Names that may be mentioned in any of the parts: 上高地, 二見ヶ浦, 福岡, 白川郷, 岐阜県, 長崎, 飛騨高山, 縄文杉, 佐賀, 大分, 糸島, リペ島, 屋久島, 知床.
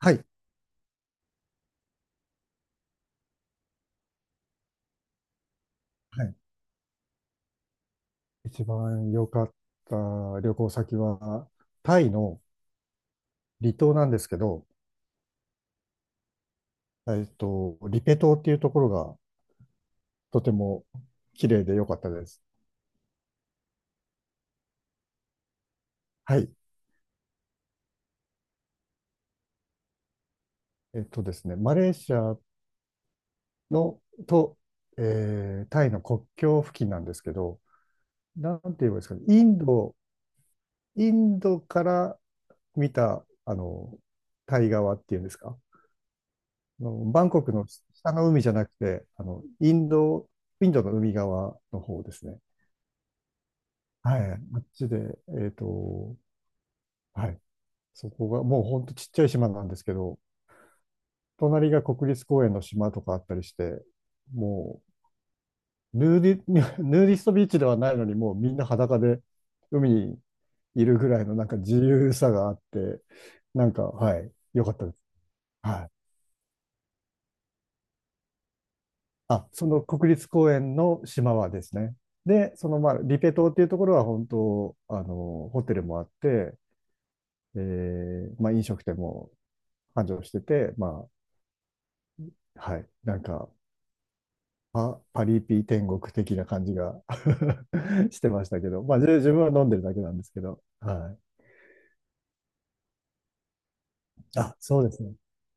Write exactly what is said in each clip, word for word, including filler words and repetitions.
はい。はい。一番良かった旅行先は、タイの離島なんですけど、えっと、リペ島っていうところがとても綺麗で良かったです。はい。えっとですね、マレーシアのと、えータイの国境付近なんですけど、なんて言えばいいですかね、インド、インドから見た、あの、タイ側っていうんですか、あのバンコクの下の海じゃなくて、あの、インド、インドの海側の方ですね。はい、あっちで、えっと、はい、そこが、もうほんとちっちゃい島なんですけど、隣が国立公園の島とかあったりして、もう、ヌーディ、ヌーディストビーチではないのに、もうみんな裸で海にいるぐらいのなんか自由さがあって、なんか、はい、良かったです。はい。あ、その国立公園の島はですね。で、その、まあ、リペ島っていうところは本当、あの、ホテルもあって、えーまあ、飲食店も繁盛してて、まあ、はい。なんか、パ、パリピ天国的な感じが してましたけど、まあ、じゅ自分は飲んでるだけなんですけど、はい。あ、そうですね。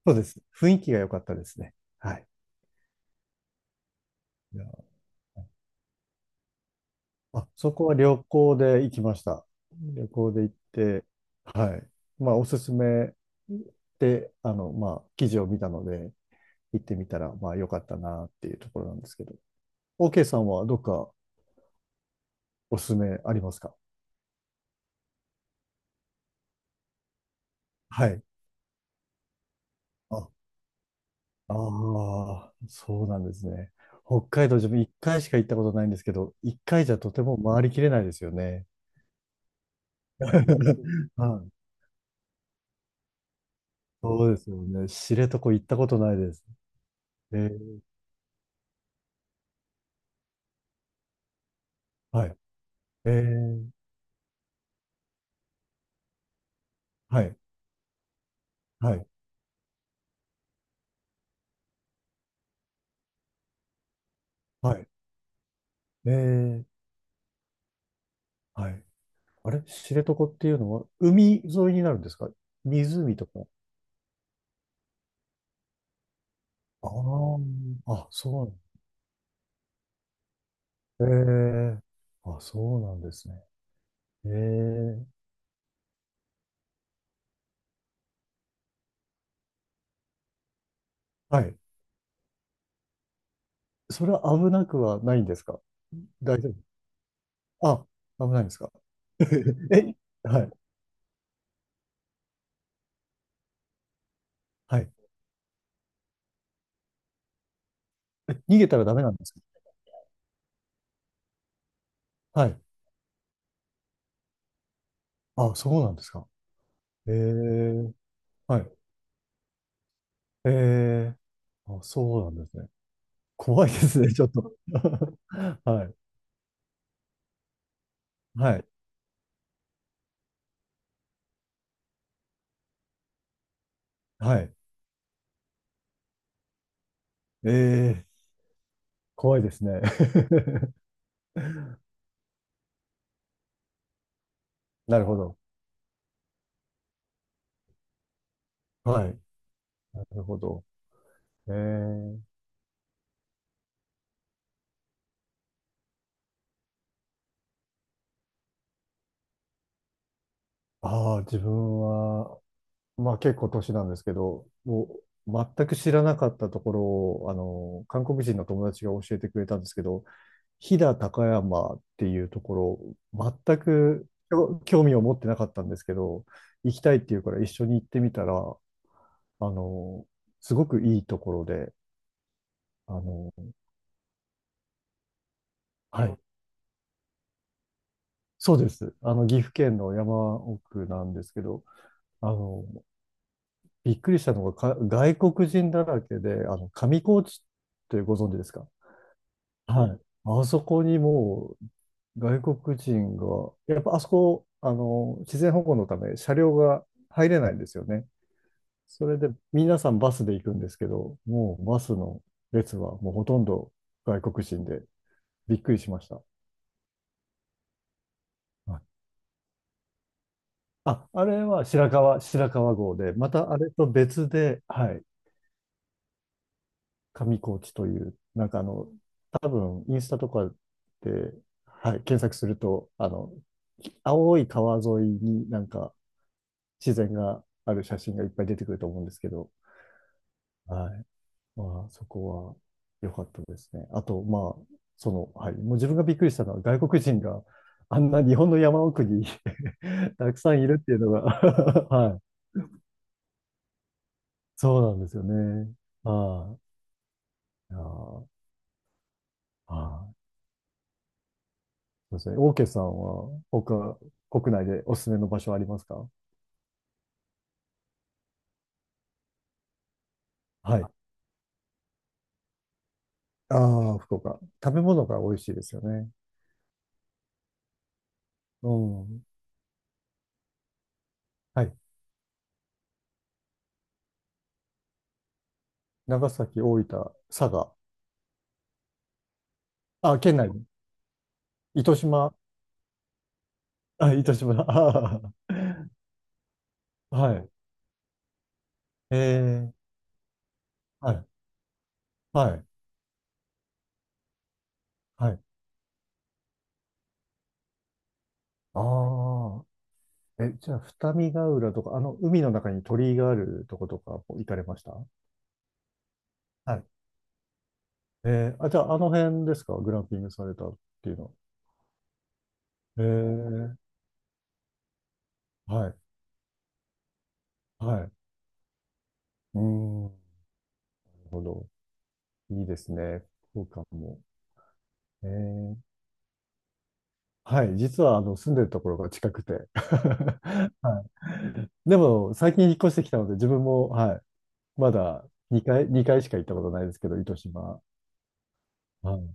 そうです。雰囲気が良かったですね。はい。いやあ、そこは旅行で行きました。旅行で行って、はい。まあ、おすすめで、あの、まあ、記事を見たので、行ってみたら、まあ、良かったなっていうところなんですけど。OK さんはどっかおすすめありますか？はい。あ、ああ、そうなんですね。北海道、自分一回しか行ったことないんですけど、一回じゃとても回りきれないですよね。はい。そうですよね。知床行ったことないです。えー、はい。えー、はい。はい。はい。えー、はい。あれ、知床っていうのは、海沿いになるんですか？湖とか。ああ、あ、そうなんえー、あ、そうなんですね。えー、はい。それは危なくはないんですか？大丈夫。あ、危ないんですか？え、はい、はい。え逃げたらダメなんですか？はい。あ、そうなんですか？ええ、はい。ええ、あ、そうなんですね。怖いですね、ちょっと。はい、はい、はい。ええ、怖いですね。なるほど。はい。なるほど。ええ、ああ、自分は、まあ結構年なんですけど、もう全く知らなかったところを、あの、韓国人の友達が教えてくれたんですけど、飛騨高山っていうところ、全く興興味を持ってなかったんですけど、行きたいっていうから一緒に行ってみたら、あの、すごくいいところで、あの、はい、そうです。あの、岐阜県の山奥なんですけど、あの、びっくりしたのが、か、外国人だらけで、あの、上高地ってご存知ですか？はい。あそこにもう外国人が、やっぱあそこ、あの、自然保護のため車両が入れないんですよね。それで皆さんバスで行くんですけど、もうバスの列はもうほとんど外国人でびっくりしました。はい。あ、あれは白川、白川郷で、またあれと別で、はい、上高地という、なんかあの、多分インスタとかで、はい、検索すると、あの、青い川沿いになんか自然がある写真がいっぱい出てくると思うんですけど、はい。まあ、そこは良かったですね。あと、まあ、その、はい。もう自分がびっくりしたのは、外国人があんな日本の山奥に たくさんいるっていうのが はい。そうなんですよね。はい。いやー、はい。そうですね。オーケーさんは、他、国内でおすすめの場所ありますか？はい。ああ、福岡。食べ物が美味しいですよね。うん。はい。長崎、大分、佐賀。あ、県内、糸島、あ、糸島、あー、はい。えー、はい、はい、はい。ああ、え、じゃあ、二見ヶ浦とか、あの、海の中に鳥居があるとことか行かれました？はい。えー、あ、じゃあ、あの辺ですか、グランピングされたっていうのは？えー、はい、はい。うーん、なるほど。いいですね。福岡も。えー、はい。実は、あの、住んでるところが近くて。はい。でも、最近引っ越してきたので、自分も、はい。まだにかい、にかいしか行ったことないですけど、糸島。はい。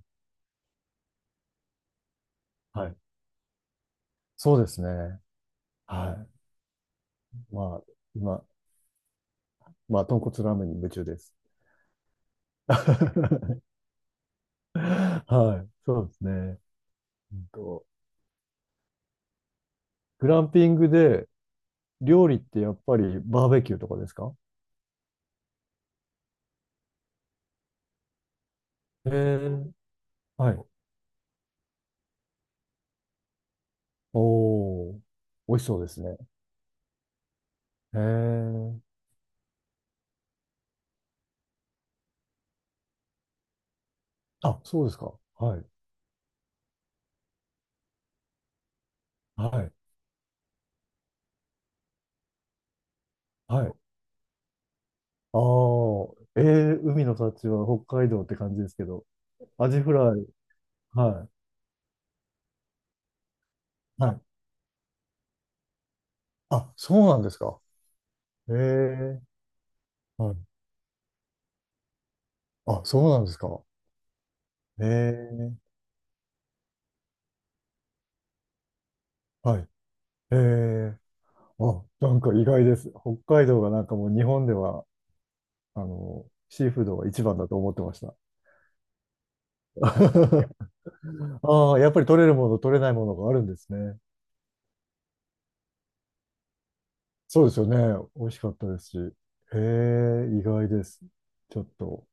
はい。そうですね。はい。まあ、今、まあ、豚骨ラーメンに夢中です。はい。そうですね。うんと、グランピングで料理ってやっぱりバーベキューとかですか？えーはい。おー。美味しそうですね。えーあ、そうですか。はい。はい。はい。ああ。えー海の幸は北海道って感じですけど。アジフライ。はい。はい。あ、そうなんですか？ええ、はい。あ、そうなんですか？ええ、はい。ええ、あ、なんか意外です。北海道がなんかもう日本では、あの、シーフードが一番だと思ってました。ああ、やっぱり取れるもの、取れないものがあるんですね。そうですよね。美味しかったですし。へえ、意外です。ちょっと。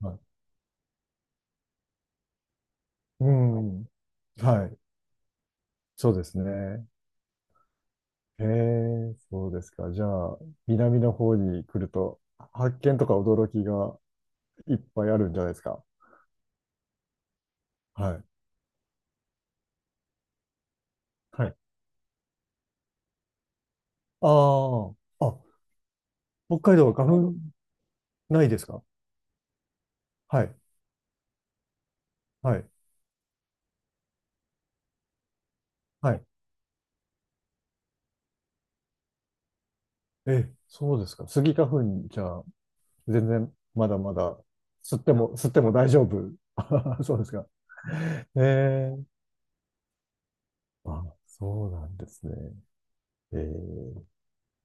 はい、うん。はい。そうですね。へえ、そうですか。じゃあ、南の方に来ると、発見とか驚きがいっぱいあるんじゃないですか？はい。はい。ああ、あ、北海道は花粉ないですか？はい。はい。はい。え、そうですか。スギ花粉、じゃあ、全然、まだまだ、吸っても、吸っても大丈夫。あ、そうですか。ええ、あ、そうなんですね。ええ。